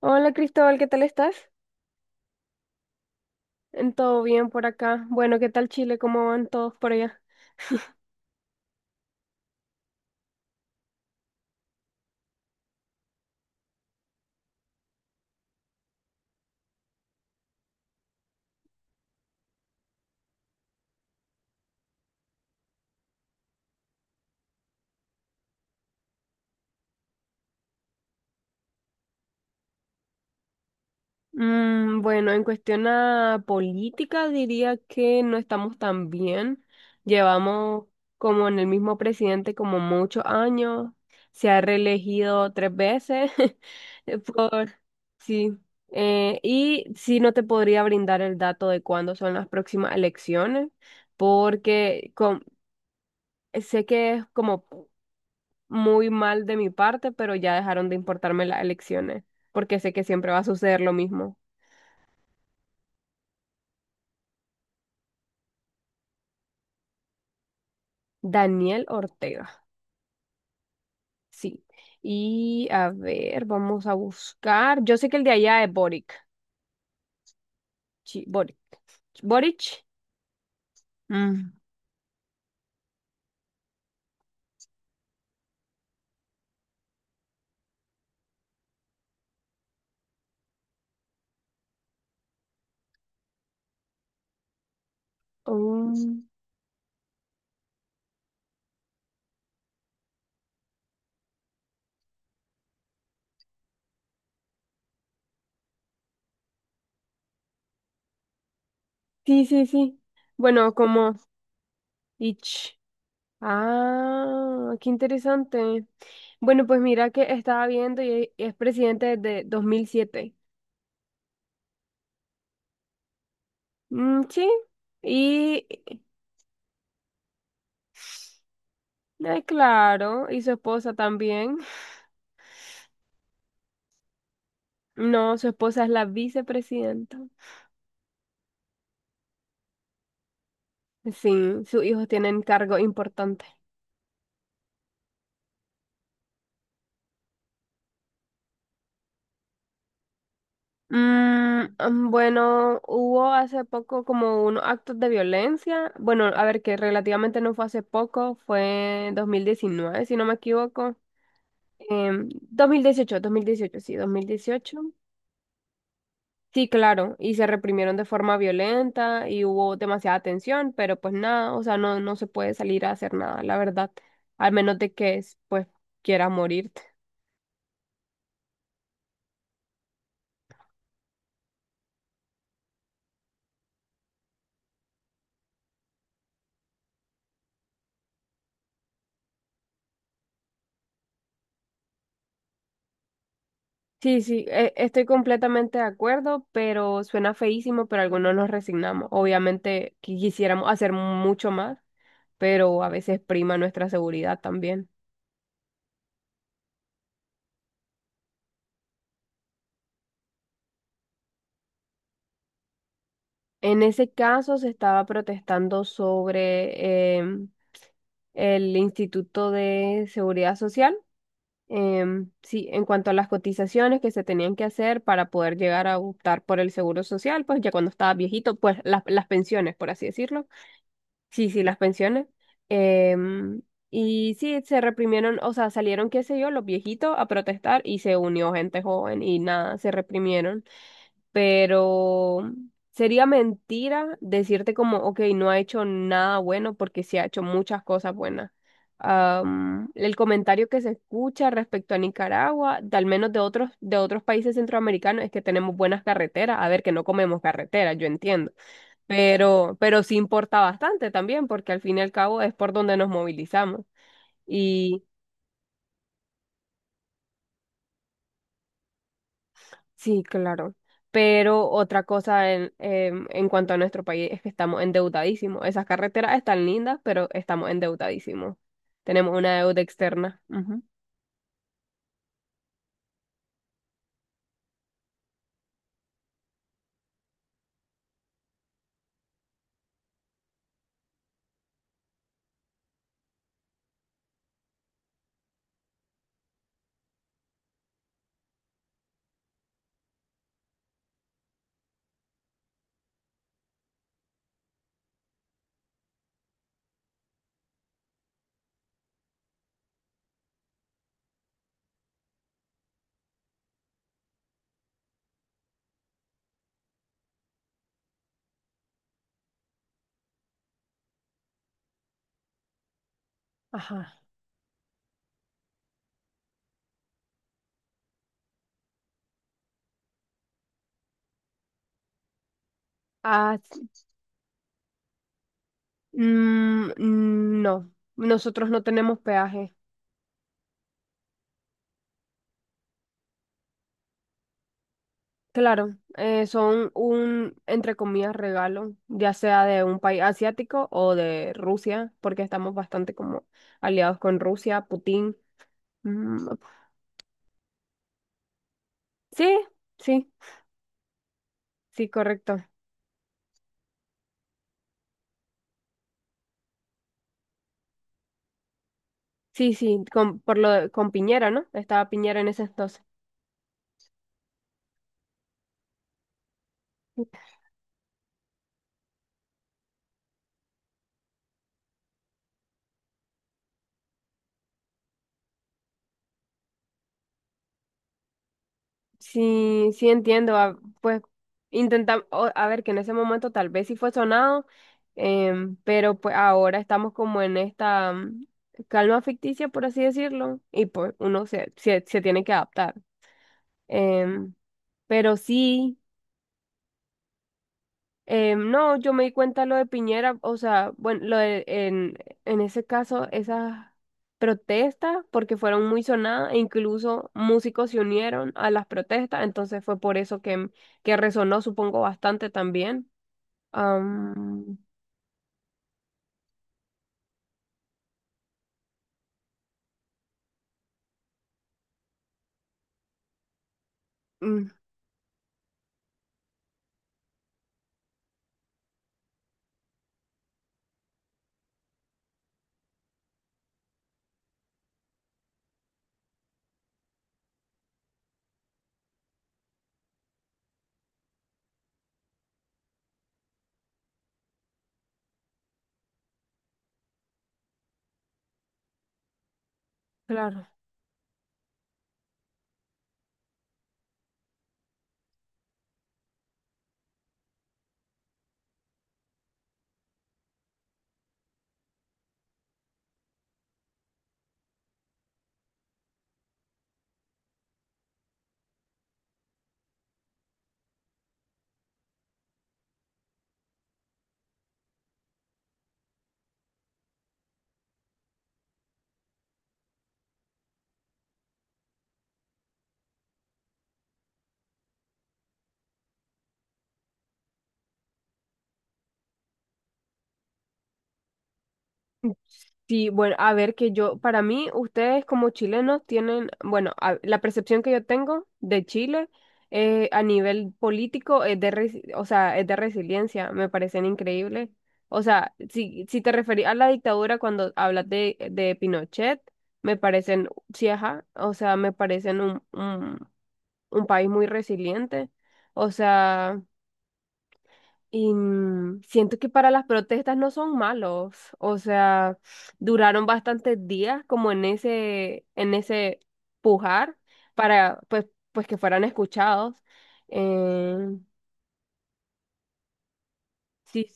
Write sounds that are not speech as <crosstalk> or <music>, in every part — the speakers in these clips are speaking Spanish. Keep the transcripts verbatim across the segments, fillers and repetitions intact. Hola Cristóbal, ¿qué tal estás? En ¿Todo bien por acá? Bueno, ¿qué tal Chile? ¿Cómo van todos por allá? Mm, bueno, en cuestión a política diría que no estamos tan bien. Llevamos como en el mismo presidente como muchos años. Se ha reelegido tres veces <laughs> eh, por... Sí. Eh, y sí, no te podría brindar el dato de cuándo son las próximas elecciones porque... con- Sé que es como muy mal de mi parte, pero ya dejaron de importarme las elecciones, porque sé que siempre va a suceder lo mismo. Daniel Ortega, sí. Y a ver, vamos a buscar. Yo sé que el de allá es Boric. Sí, Boric. Boric. Mm. Mm, sí, sí, sí. Bueno, como Ich. Ah, qué interesante. Bueno, pues mira que estaba viendo y es presidente desde dos mil siete. Mm, sí. Y. Ay, claro, y su esposa también. <laughs> No, su esposa es la vicepresidenta. Sí, sus hijos tienen cargo importante. Mm, mm, bueno, hubo hace poco como unos actos de violencia. Bueno, a ver, que relativamente no fue hace poco, fue dos mil diecinueve si no me equivoco. Em, dos mil dieciocho dos mil dieciocho, sí, dos mil dieciocho. Sí, claro, y se reprimieron de forma violenta y hubo demasiada tensión, pero pues nada, o sea, no, no se puede salir a hacer nada, la verdad, al menos de que es- pues quieras morirte. Sí, sí, e- estoy completamente de acuerdo, pero suena feísimo, pero algunos nos resignamos. Obviamente que quisiéramos hacer mucho más, pero a veces prima nuestra seguridad también. En ese caso se estaba protestando sobre em, el Instituto de Seguridad Social. Em, sí, en cuanto a las cotizaciones que se tenían que hacer para poder llegar a optar por el seguro social, pues ya cuando estaba viejito, pues las, las pensiones, por así decirlo. Sí, sí, las pensiones. Em, y sí, se reprimieron, o sea, salieron, qué sé yo, los viejitos a protestar y se unió gente joven y nada, se reprimieron pero sería mentira decirte como, ok, no ha hecho nada bueno porque sí ha hecho muchas cosas buenas. Am, el comentario que se escucha respecto a Nicaragua, de al menos de otros, de otros países centroamericanos, es que tenemos buenas carreteras. A ver, que no comemos carreteras, yo entiendo. Pero, pero sí importa bastante también, porque al fin y al cabo es por donde nos movilizamos. Y. Sí, claro. Pero otra cosa en, em, en cuanto a nuestro país es que estamos endeudadísimos. Esas carreteras están lindas, pero estamos endeudadísimos. Tenemos una deuda externa. Ujú. Ajá. Ah, sí. Mm, no, nosotros no tenemos peaje. Claro, eh, son un, entre comillas, regalo, ya sea de un país asiático o de Rusia, porque estamos bastante como aliados con Rusia, Putin. Mm, sí, sí, sí, correcto. Sí, sí, con, por lo, de- con Piñera, ¿no? Estaba Piñera en ese entonces. Sí, sí entiendo, ah, pues intentamos, a ver, que en ese momento tal vez sí fue sonado, em, pero pues ahora estamos como en esta mm, calma ficticia, por así decirlo, y pues uno se, se, se tiene que adaptar. Em, pero sí. Eh, no, yo me di cuenta lo de Piñera, o sea, bueno, lo de, en, en ese caso, esas protestas, porque fueron muy sonadas, e incluso músicos se unieron a las protestas, entonces fue por eso que, que resonó, supongo, bastante también. Am, mm, claro. Sí, bueno, a ver que yo, para mí, ustedes como chilenos tienen, bueno, a- la percepción que yo tengo de Chile eh, a nivel político es de, resi- o sea, es de resiliencia, me parecen increíbles. O sea, si, si te referís a la dictadura cuando hablas de, de Pinochet, me parecen, sí, ajá, o sea, me parecen un, un, un, país muy resiliente. O sea. Y mm, siento que para las protestas no son malos, o sea, duraron bastantes días como en ese, en ese, pujar para pues, pues que fueran escuchados. Eh, sí,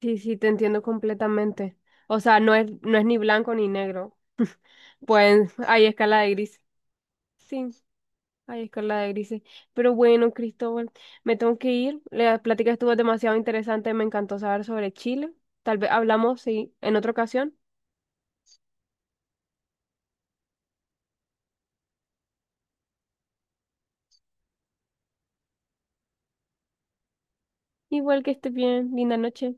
sí, sí, te entiendo completamente. O sea, no es, no es ni blanco ni negro, pues hay escala de gris. Sí. Ay, escala de grises. Pero bueno, Cristóbal, me tengo que ir. La plática estuvo demasiado interesante. Me encantó saber sobre Chile. Tal vez hablamos, sí, en otra ocasión. Igual que estés bien. Linda noche.